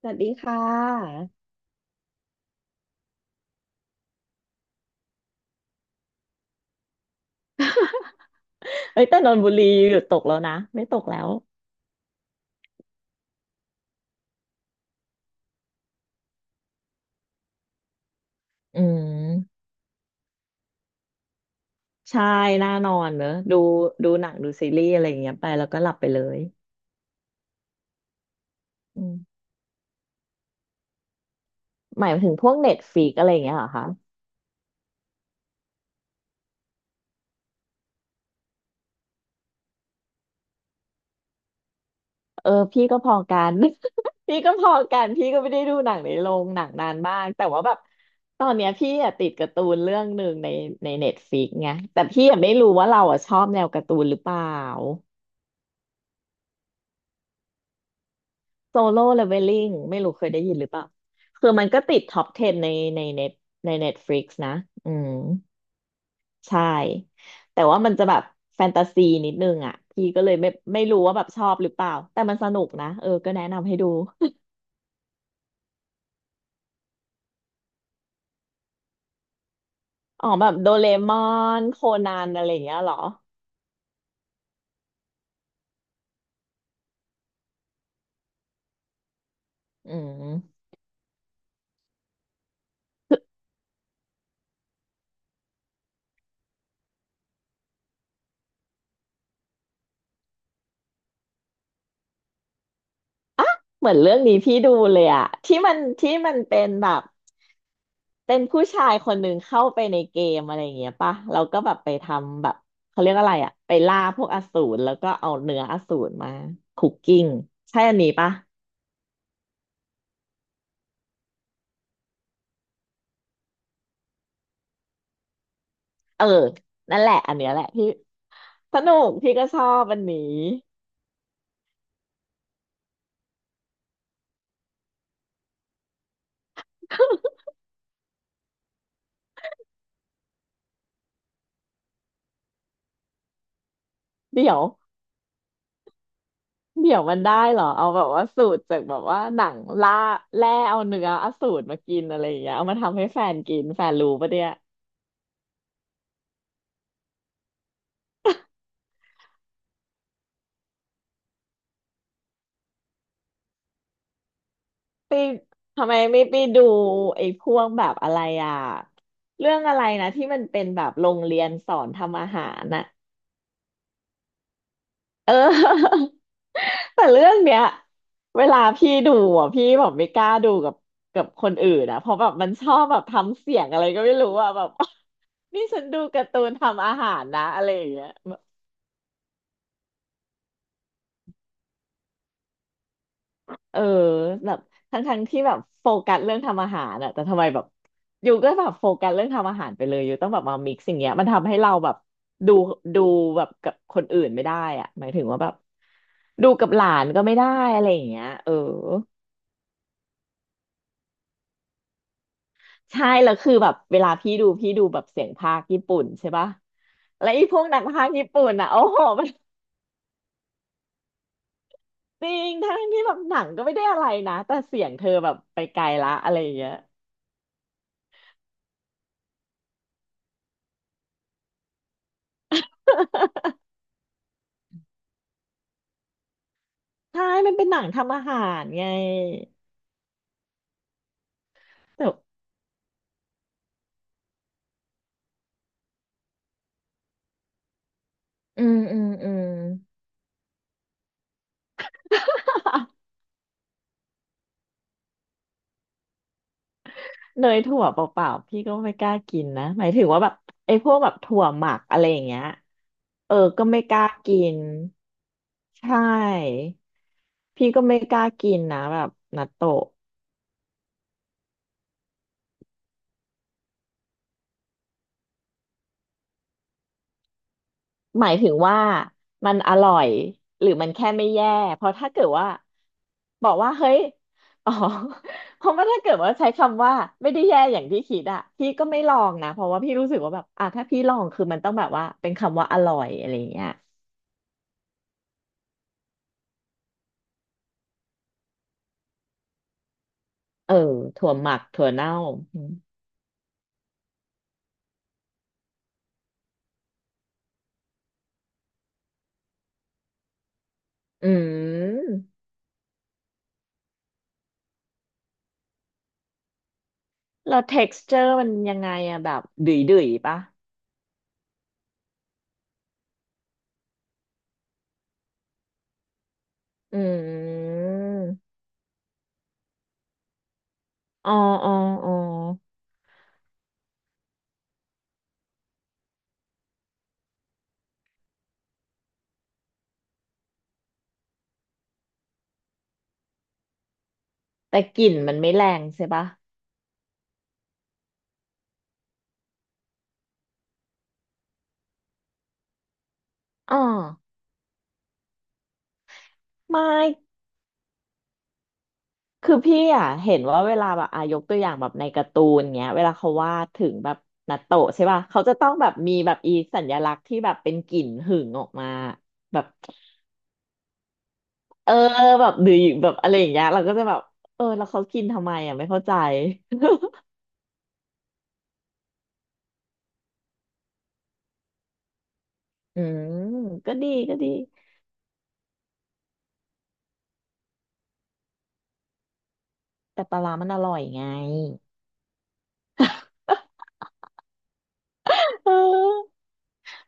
สวัสดีค่ะเอ้ยแต่นนทบุรีหยุดตกแล้วนะไม่ตกแล้วอืมใช่น่านอนเนอะดูหนังดูซีรีส์อะไรอย่างเงี้ยไปแล้วก็หลับไปเลยอืมหมายถึงพวกเน็ตฟ i ิกอะไรอย่างเงี้ยเหรอคะเออพี่ก็พอกัน พี่ก็พอกันพี่ก็ไม่ได้ดูหนังในโรงหนังนานมากแต่ว่าแบบตอนเนี้ยพี่อะติดการ์ตูนเรื่องหนึ่งในเน็ตฟลิกไงแต่พี่อะไม่รู้ว่าเราอะชอบแนวการ์ตูนหรือเปล่า โซโล่เลเวลลิ่งไม่รู้เคยได้ยินหรือเปล่าคือมันก็ติดท็อป10 ในเน็ตในเน็ตฟลิกซ์นะอืมใช่แต่ว่ามันจะแบบแฟนตาซีนิดนึงอ่ะพี่ก็เลยไม่รู้ว่าแบบชอบหรือเปล่าแต่มันสนุกนะเออก็แนะนำให้ดูอ๋อแบบโดเรมอนโคนันอะไรอย่างเงี้ยเหรออืม เหมือนเรื่องนี้พี่ดูเลยอะที่มันเป็นแบบเป็นผู้ชายคนหนึ่งเข้าไปในเกมอะไรอย่างเงี้ยป่ะเราก็แบบไปทำแบบเขาเรียกอะไรอะไปล่าพวกอสูรแล้วก็เอาเนื้ออสูรมาคุกกิ้งใช่อันนี้ป่ะเออนั่นแหละอันเนี้ยแหละพี่สนุกพี่ก็ชอบอันนี้เดี๋ยวเดี๋ยวมันได้เหรอเอาแบบว่าสูตรจากแบบว่าหนังล่าแร่เอาเนื้ออสูรมากินอะไรอย่างเงี้ยเอามาทำให้แฟนกินแฟนรู้ปะเนี่ย ไปทำไมไม่ไปดูไอ้พวกแบบอะไรอ่ะเรื่องอะไรนะที่มันเป็นแบบโรงเรียนสอนทำอาหารน่ะเออ แต่เรื่องเนี้ยเวลาพี่ดูอ่ะพี่แบบไม่กล้าดูกับคนอื่นอ่ะเพราะแบบมันชอบแบบทำเสียงอะไรก็ไม่รู้อ่ะแบบ นี่ฉันดูการ์ตูนทำอาหารนะอะไรอย่างเงี้ย เออแบบทั้งที่แบบโฟกัสเรื่องทำอาหารอะแต่ทำไมแบบอยู่ก็แบบโฟกัสเรื่องทำอาหารไปเลยอยู่ต้องแบบมามิกซ์อย่างเงี้ยมันทำให้เราแบบดูดูแบบกับคนอื่นไม่ได้อะหมายถึงว่าแบบดูกับหลานก็ไม่ได้อะไรอย่างเงี้ยเออใช่แล้วคือแบบเวลาพี่ดูแบบเสียงพากย์ญี่ปุ่นใช่ปะแล้วไอ้พวกนักพากย์ญี่ปุ่นอ่ะโอ้โหมันจริงทั้งที่แบบหนังก็ไม่ได้อะไรนะแต่เสียงเธอแบบไปไกลละอะไรอย่างเงี้ยใช่มันเป็นหนังทำอาหารไงแต่ อืมเนยถั่วเปล่าๆพี่ก็ไม่กล้ากินนะหมายถึงว่าแบบไอ้พวกแบบถั่วหมักอะไรอย่างเงี้ยเออก็ไม่กล้ากินใช่พี่ก็ไม่กล้ากินนะแบบนัตโตะหมายถึงว่ามันอร่อยหรือมันแค่ไม่แย่เพราะถ้าเกิดว่าบอกว่าเฮ้ยอ๋อ เพราะว่าถ้าเกิดว่าใช้คำว่าไม่ได้แย่อย่างที่คิดอะพี่ก็ไม่ลองนะเพราะว่าพี่รู้สึกว่าแบบอ่ะถ้าพี่ลองคือมันต้องแบบว่าเป็นคำว่าอร่อยอะไรอย่างเงี้ย เออถั่วหมักถั่วเน่าอืมอืมแล้ว texture มันยังไงอะแบบดุยดุยปะอืมอ๋ออ๋ออ๋อแต่กลิ่นมันไม่แรงใช่ปะอ๋อไม่คือพี่อะเห็นว่าเวลาแบบอายกตัวอย่างแบบในการ์ตูนเงี้ยเวลาเขาวาดถึงแบบนาโตะใช่ปะเขาจะต้องแบบมีแบบอีสัญลักษณ์ที่แบบเป็นกลิ่นหึ่งออกมาแบบเออแบบดุอแบบอะไรอย่างเงี้ยเราก็จะแบบเออแล้วเขากินทำไมอ่ะไม่เข้าใจ อืมก็ดีแต่ปลาร้ามันอร่อยไง เออ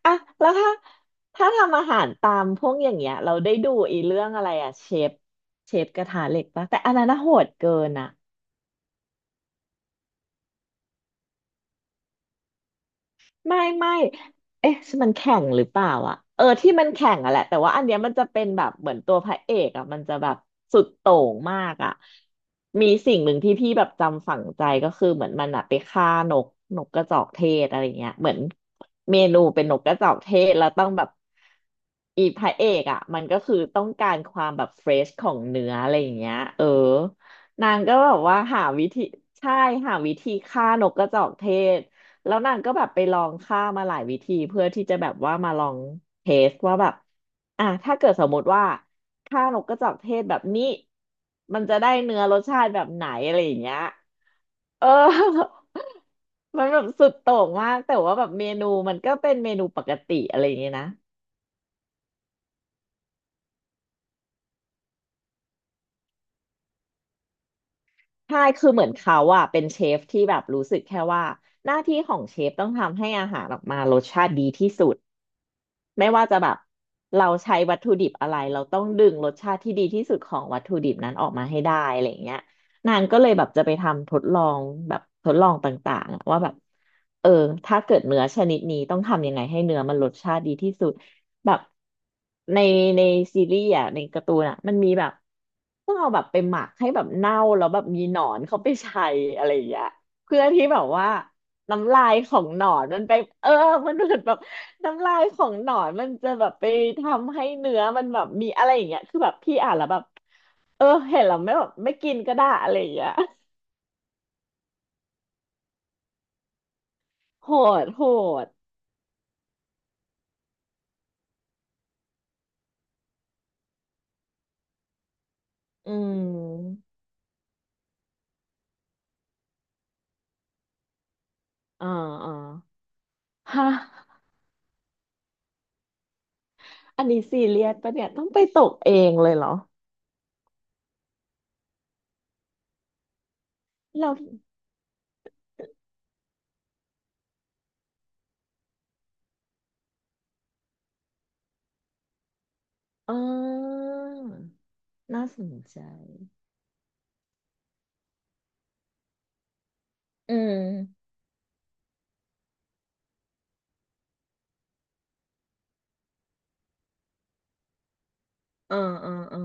อะแล้วถ้าถ้าทำอาหารตามพวกอย่างเงี้ยเราได้ดูอีเรื่องอะไรอะเชฟเชฟกระทะเหล็กปะแต่อันนั้นน่ะโหดเกินอะ ไม่เอ๊ะมันแข่งหรือเปล่าอ่ะเออที่มันแข่งอ่ะแหละแต่ว่าอันเนี้ยมันจะเป็นแบบเหมือนตัวพระเอกอ่ะมันจะแบบสุดโต่งมากอ่ะมีสิ่งหนึ่งที่พี่แบบจำฝังใจก็คือเหมือนมันอะไปฆ่านกกระจอกเทศอะไรเงี้ยเหมือนเมนูเป็นนกกระจอกเทศแล้วต้องแบบอีพระเอกอ่ะมันก็คือต้องการความแบบเฟรชของเนื้ออะไรอย่างเงี้ยเออนางก็แบบว่าหาวิธีใช่หาวิธีฆ่านกกระจอกเทศ แล้วนางก็แบบไปลองฆ่ามาหลายวิธีเพื่อที่จะแบบว่ามาลองเทสว่าแบบอ่ะถ้าเกิดสมมติว่าฆ่านกกระจอกเทศแบบนี้มันจะได้เนื้อรสชาติแบบไหนอะไรอย่างเงี้ยเออ มันแบบสุดโต่งมากแต่ว่าแบบเมนูมันก็เป็นเมนูปกติอะไรอย่างเงี้ยนะใช่คือเหมือนเขาอะเป็นเชฟที่แบบรู้สึกแค่ว่าหน้าที่ของเชฟต้องทำให้อาหารออกมารสชาติดีที่สุด ไม่ว่าจะแบบเราใช้วัตถุดิบอะไรเราต้องดึงรสชาติที่ดีที่สุดของวัตถุดิบนั้นออกมาให้ได้อะไรอย่างเงี้ยนางก็เลยแบบจะไปทำทดลองแบบทดลองต่างๆอะว่าแบบเออถ้าเกิดเนื้อชนิดนี้ต้องทำยังไงให้เนื้อมันรสชาติดีที่สุดแบบในในซีรีส์อ่ะในการ์ตูนอ่ะมันมีแบบต้องเอาแบบไปหมักให้แบบเน่าแล้วแบบมีหนอนเขาไปใช้อะไรอย่างเงี้ยเพื่อที่แบบว่าน้ำลายของหนอนมันไปเออมันเหมือนแบบ น้ำลายของหนอนมันจะแบบไปทำให้เนื้อมันแบบมีอะไรอย่างเงี้ยคือแบบพี่อ่านแล้วแบบเออเห็นแล้วไม่แบบไม่กินก็ได้อะไรอย่างเงี้ยโหดโหดอืมอ่าอ่าฮะอันนี้ซีเรียสปะเนี่ยต้องไปตกเองเลยเหรอเราอ่าน่าสนใจอืมอ่าอ่าอ่า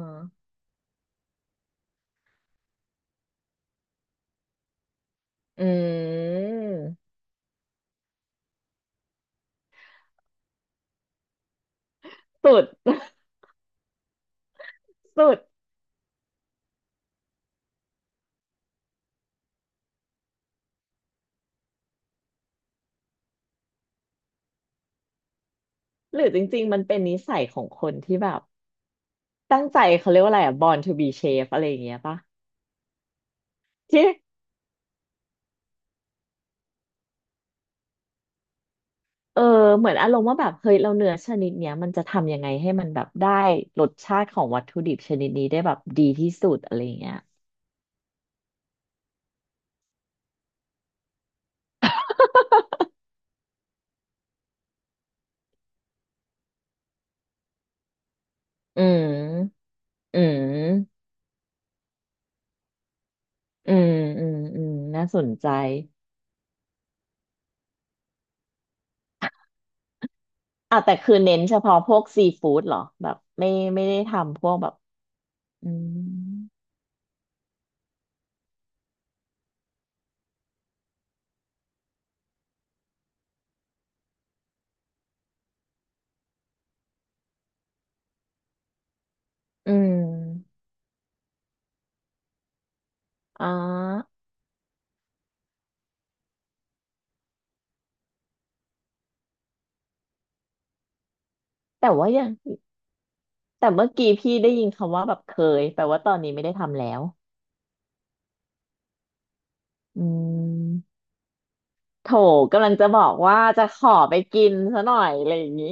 อืมสุด สุดหรือจริงๆมันเป็นนิสัยของคนที่แบบ ตั้งใจเขาเรียกว่าอะไรอะ born to be chef อะไรอย่างเงี้ยปะที่เออเหมือนอารมณ์ว่าแบบเฮ้ยเราเนื้อชนิดเนี้ยมันจะทำยังไงให้มันแบบได้รสชาติของวัตถุดิบชนิดนี้ได้แบบดีที่สุดอะไรอย่างเงี้ยอืมอืมอืมอืมอืมน่าสนใจอ่ะแต่คือเน้นเฉพาะพวกซีฟู้ดเหรอแบบไม่ได้ทำพวกแบบอืมอืมอ่าแต่ว่ายังแต่เมื่อกี้พี่ได้ยินคำว่าแบบเคยแปลว่าตอนนี้ไม่ได้ทำแล้วอืม โถกำลังจะบอกว่าจะขอไปกินซะหน่อยอะไรอย่างนี้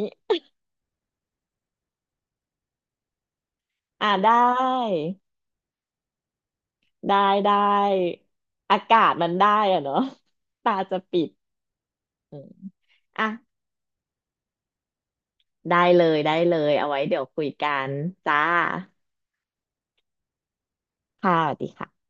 อ่ะได้ได้ได้อากาศมันได้อะเนาะ ตาจะปิดอืมอ่ะได้เลยได้เลยเอาไว้เดี๋ยวคุยกันจ้าค่ะสวัสดีค่ะ